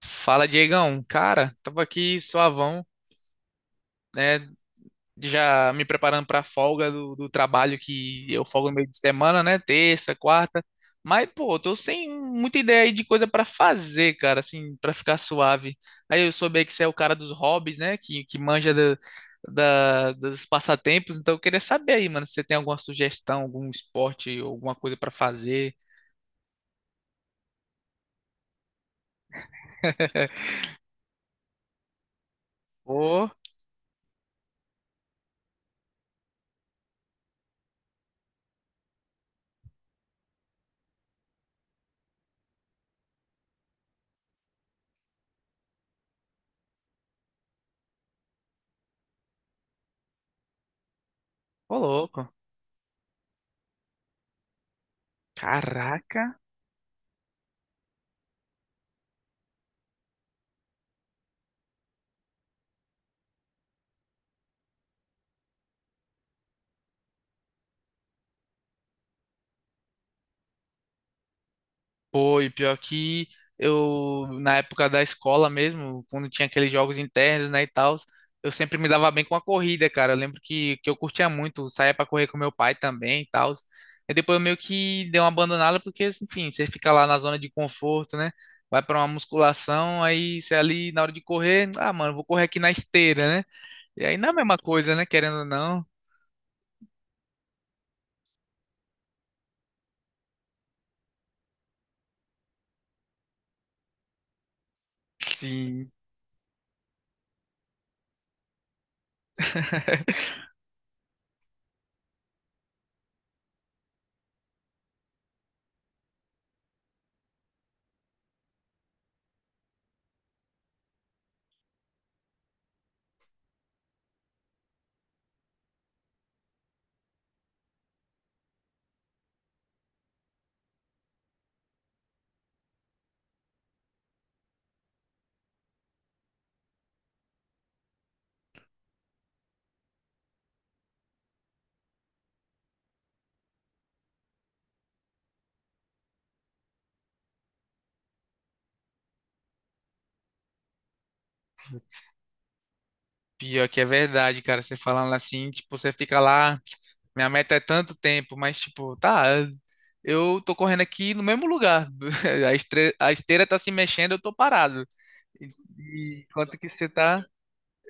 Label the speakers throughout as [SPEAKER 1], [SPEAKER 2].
[SPEAKER 1] Fala, Diegão. Cara, tava aqui suavão, né? Já me preparando pra folga do trabalho que eu folgo no meio de semana, né? Terça, quarta. Mas, pô, tô sem muita ideia aí de coisa pra fazer, cara, assim, pra ficar suave. Aí eu soube aí que você é o cara dos hobbies, né? Que manja da, dos passatempos. Então eu queria saber aí, mano, se você tem alguma sugestão, algum esporte, alguma coisa pra fazer. Ô, ô louco. Caraca. Pô, e pior que eu, na época da escola mesmo, quando tinha aqueles jogos internos, né, e tal, eu sempre me dava bem com a corrida, cara. Eu lembro que eu curtia muito, saía pra correr com meu pai também e tal. E depois eu meio que dei uma abandonada, porque, enfim, você fica lá na zona de conforto, né? Vai pra uma musculação, aí você ali na hora de correr, ah, mano, vou correr aqui na esteira, né? E aí não é a mesma coisa, né? Querendo ou não. Sim. Pior que é verdade, cara. Você falando assim, tipo, você fica lá, minha meta é tanto tempo, mas tipo, tá, eu tô correndo aqui no mesmo lugar. A a esteira tá se mexendo, eu tô parado. E, e enquanto que você tá,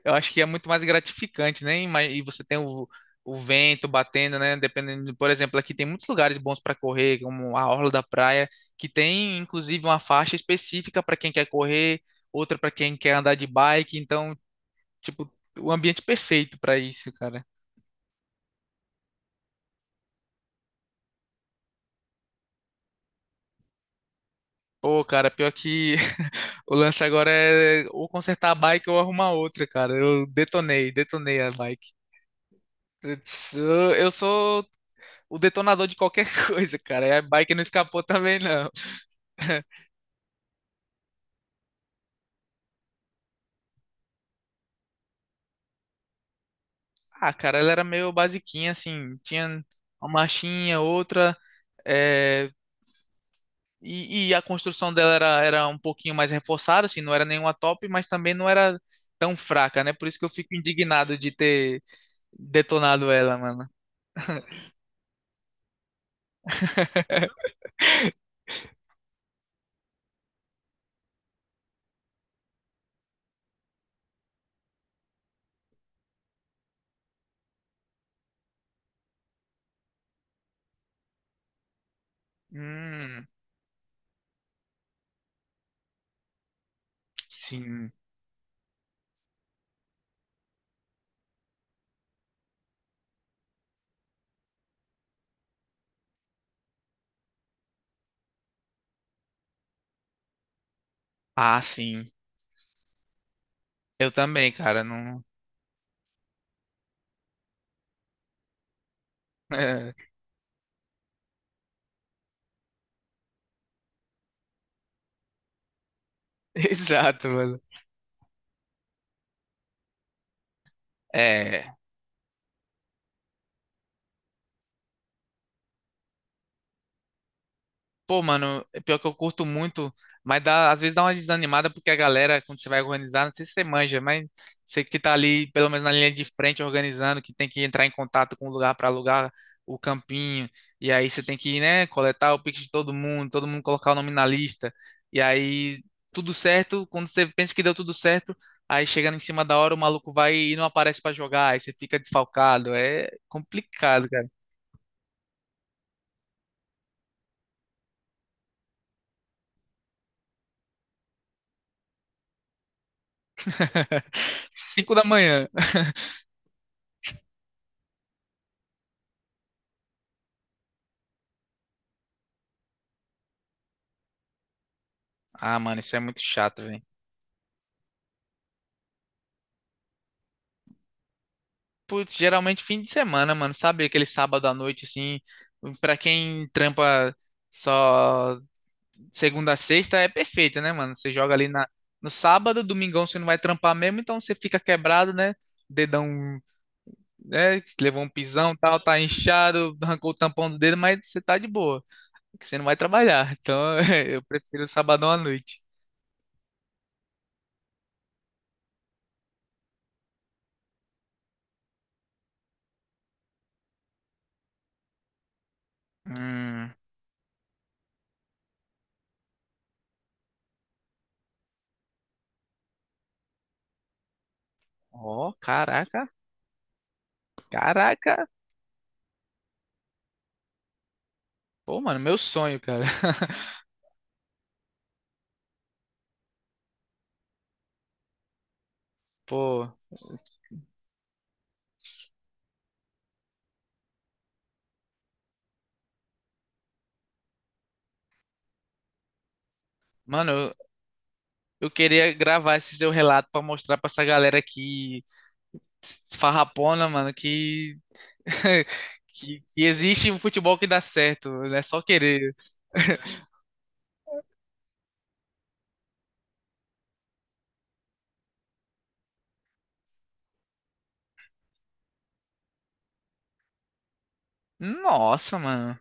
[SPEAKER 1] eu acho que é muito mais gratificante, né? E e você tem o vento batendo, né? Dependendo, por exemplo, aqui tem muitos lugares bons para correr, como a Orla da Praia, que tem inclusive uma faixa específica para quem quer correr, outra para quem quer andar de bike, então. Tipo, o ambiente perfeito pra isso, cara. Pô, cara, pior que o lance agora é ou consertar a bike ou arrumar outra, cara. Eu detonei, detonei a bike. Putz, eu sou o detonador de qualquer coisa, cara. E a bike não escapou também, não. Ah, cara, ela era meio basiquinha, assim. Tinha uma marchinha, outra. É, e, a construção dela era, era um pouquinho mais reforçada, assim, não era nenhuma top, mas também não era tão fraca, né? Por isso que eu fico indignado de ter detonado ela, mano. Hum, sim. Ah, sim. Eu também, cara. Não. É, exato, mano. É. Pô, mano, é pior que eu curto muito, mas dá, às vezes dá uma desanimada porque a galera, quando você vai organizar, não sei se você manja, mas você que tá ali, pelo menos na linha de frente, organizando, que tem que entrar em contato com o lugar para alugar o campinho, e aí você tem que, né, coletar o pix de todo mundo colocar o nome na lista, e aí tudo certo, quando você pensa que deu tudo certo, aí chegando em cima da hora, o maluco vai e não aparece para jogar, aí você fica desfalcado, é complicado, cara. Cinco da manhã. Ah, mano, isso é muito chato, velho. Putz, geralmente fim de semana, mano, sabe? Aquele sábado à noite, assim, pra quem trampa só segunda a sexta, é perfeito, né, mano? Você joga ali na... no sábado, domingão você não vai trampar mesmo, então você fica quebrado, né? Dedão, né? Levou um pisão, tal, tá inchado, arrancou o tampão do dedo, mas você tá de boa, porque você não vai trabalhar. Então, eu prefiro sabadão à noite. Hum, ó, caraca, caraca. Pô, mano, meu sonho, cara. Pô. Mano, eu, queria gravar esse seu relato pra mostrar pra essa galera que farrapona, mano, que, que existe um futebol que dá certo, né? Só querer. Nossa, mano.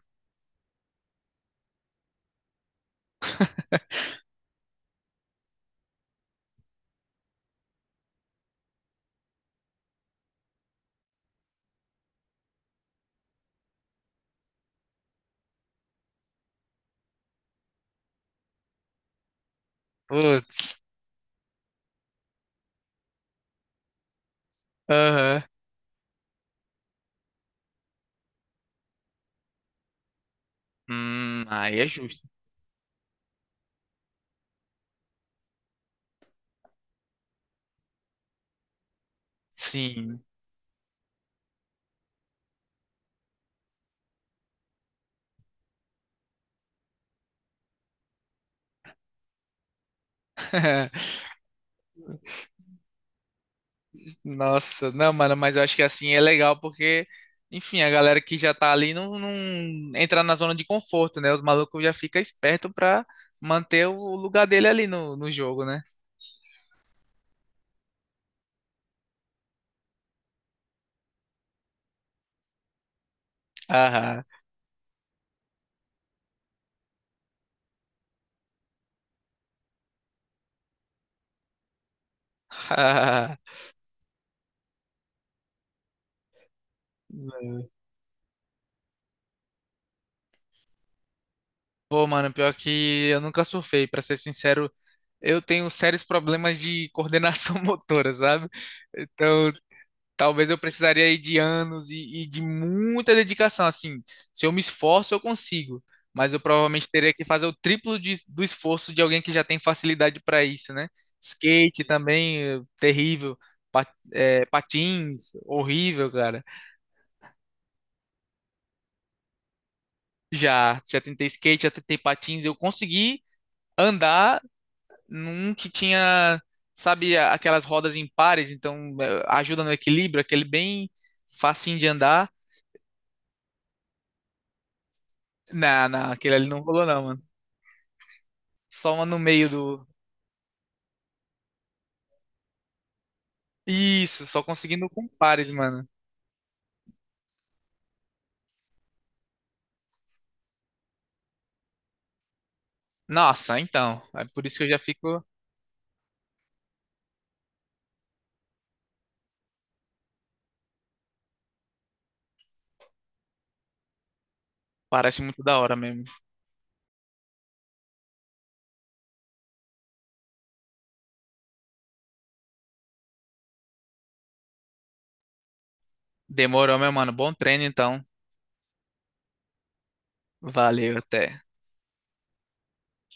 [SPEAKER 1] Putz. Aham. Aí é justo. Sim. Nossa, não, mano, mas eu acho que assim é legal porque, enfim, a galera que já tá ali não entra na zona de conforto, né? Os malucos já ficam espertos pra manter o lugar dele ali no jogo, né? Aham. Ah, pô, mano, pior que eu nunca surfei, pra ser sincero, eu tenho sérios problemas de coordenação motora, sabe? Então, talvez eu precisaria aí de anos e de muita dedicação, assim. Se eu me esforço, eu consigo, mas eu provavelmente teria que fazer o triplo do esforço de alguém que já tem facilidade pra isso, né? Skate também, terrível. Pa- patins, horrível, cara. Já, já tentei skate, já tentei patins, eu consegui andar num que tinha, sabe, aquelas rodas impares, então ajuda no equilíbrio, aquele bem facinho de andar. Não, não, aquele ali não rolou não, mano. Só uma no meio do. Isso, só conseguindo com pares, mano. Nossa, então. É por isso que eu já fico. Parece muito da hora mesmo. Demorou, meu mano. Bom treino, então. Valeu, até.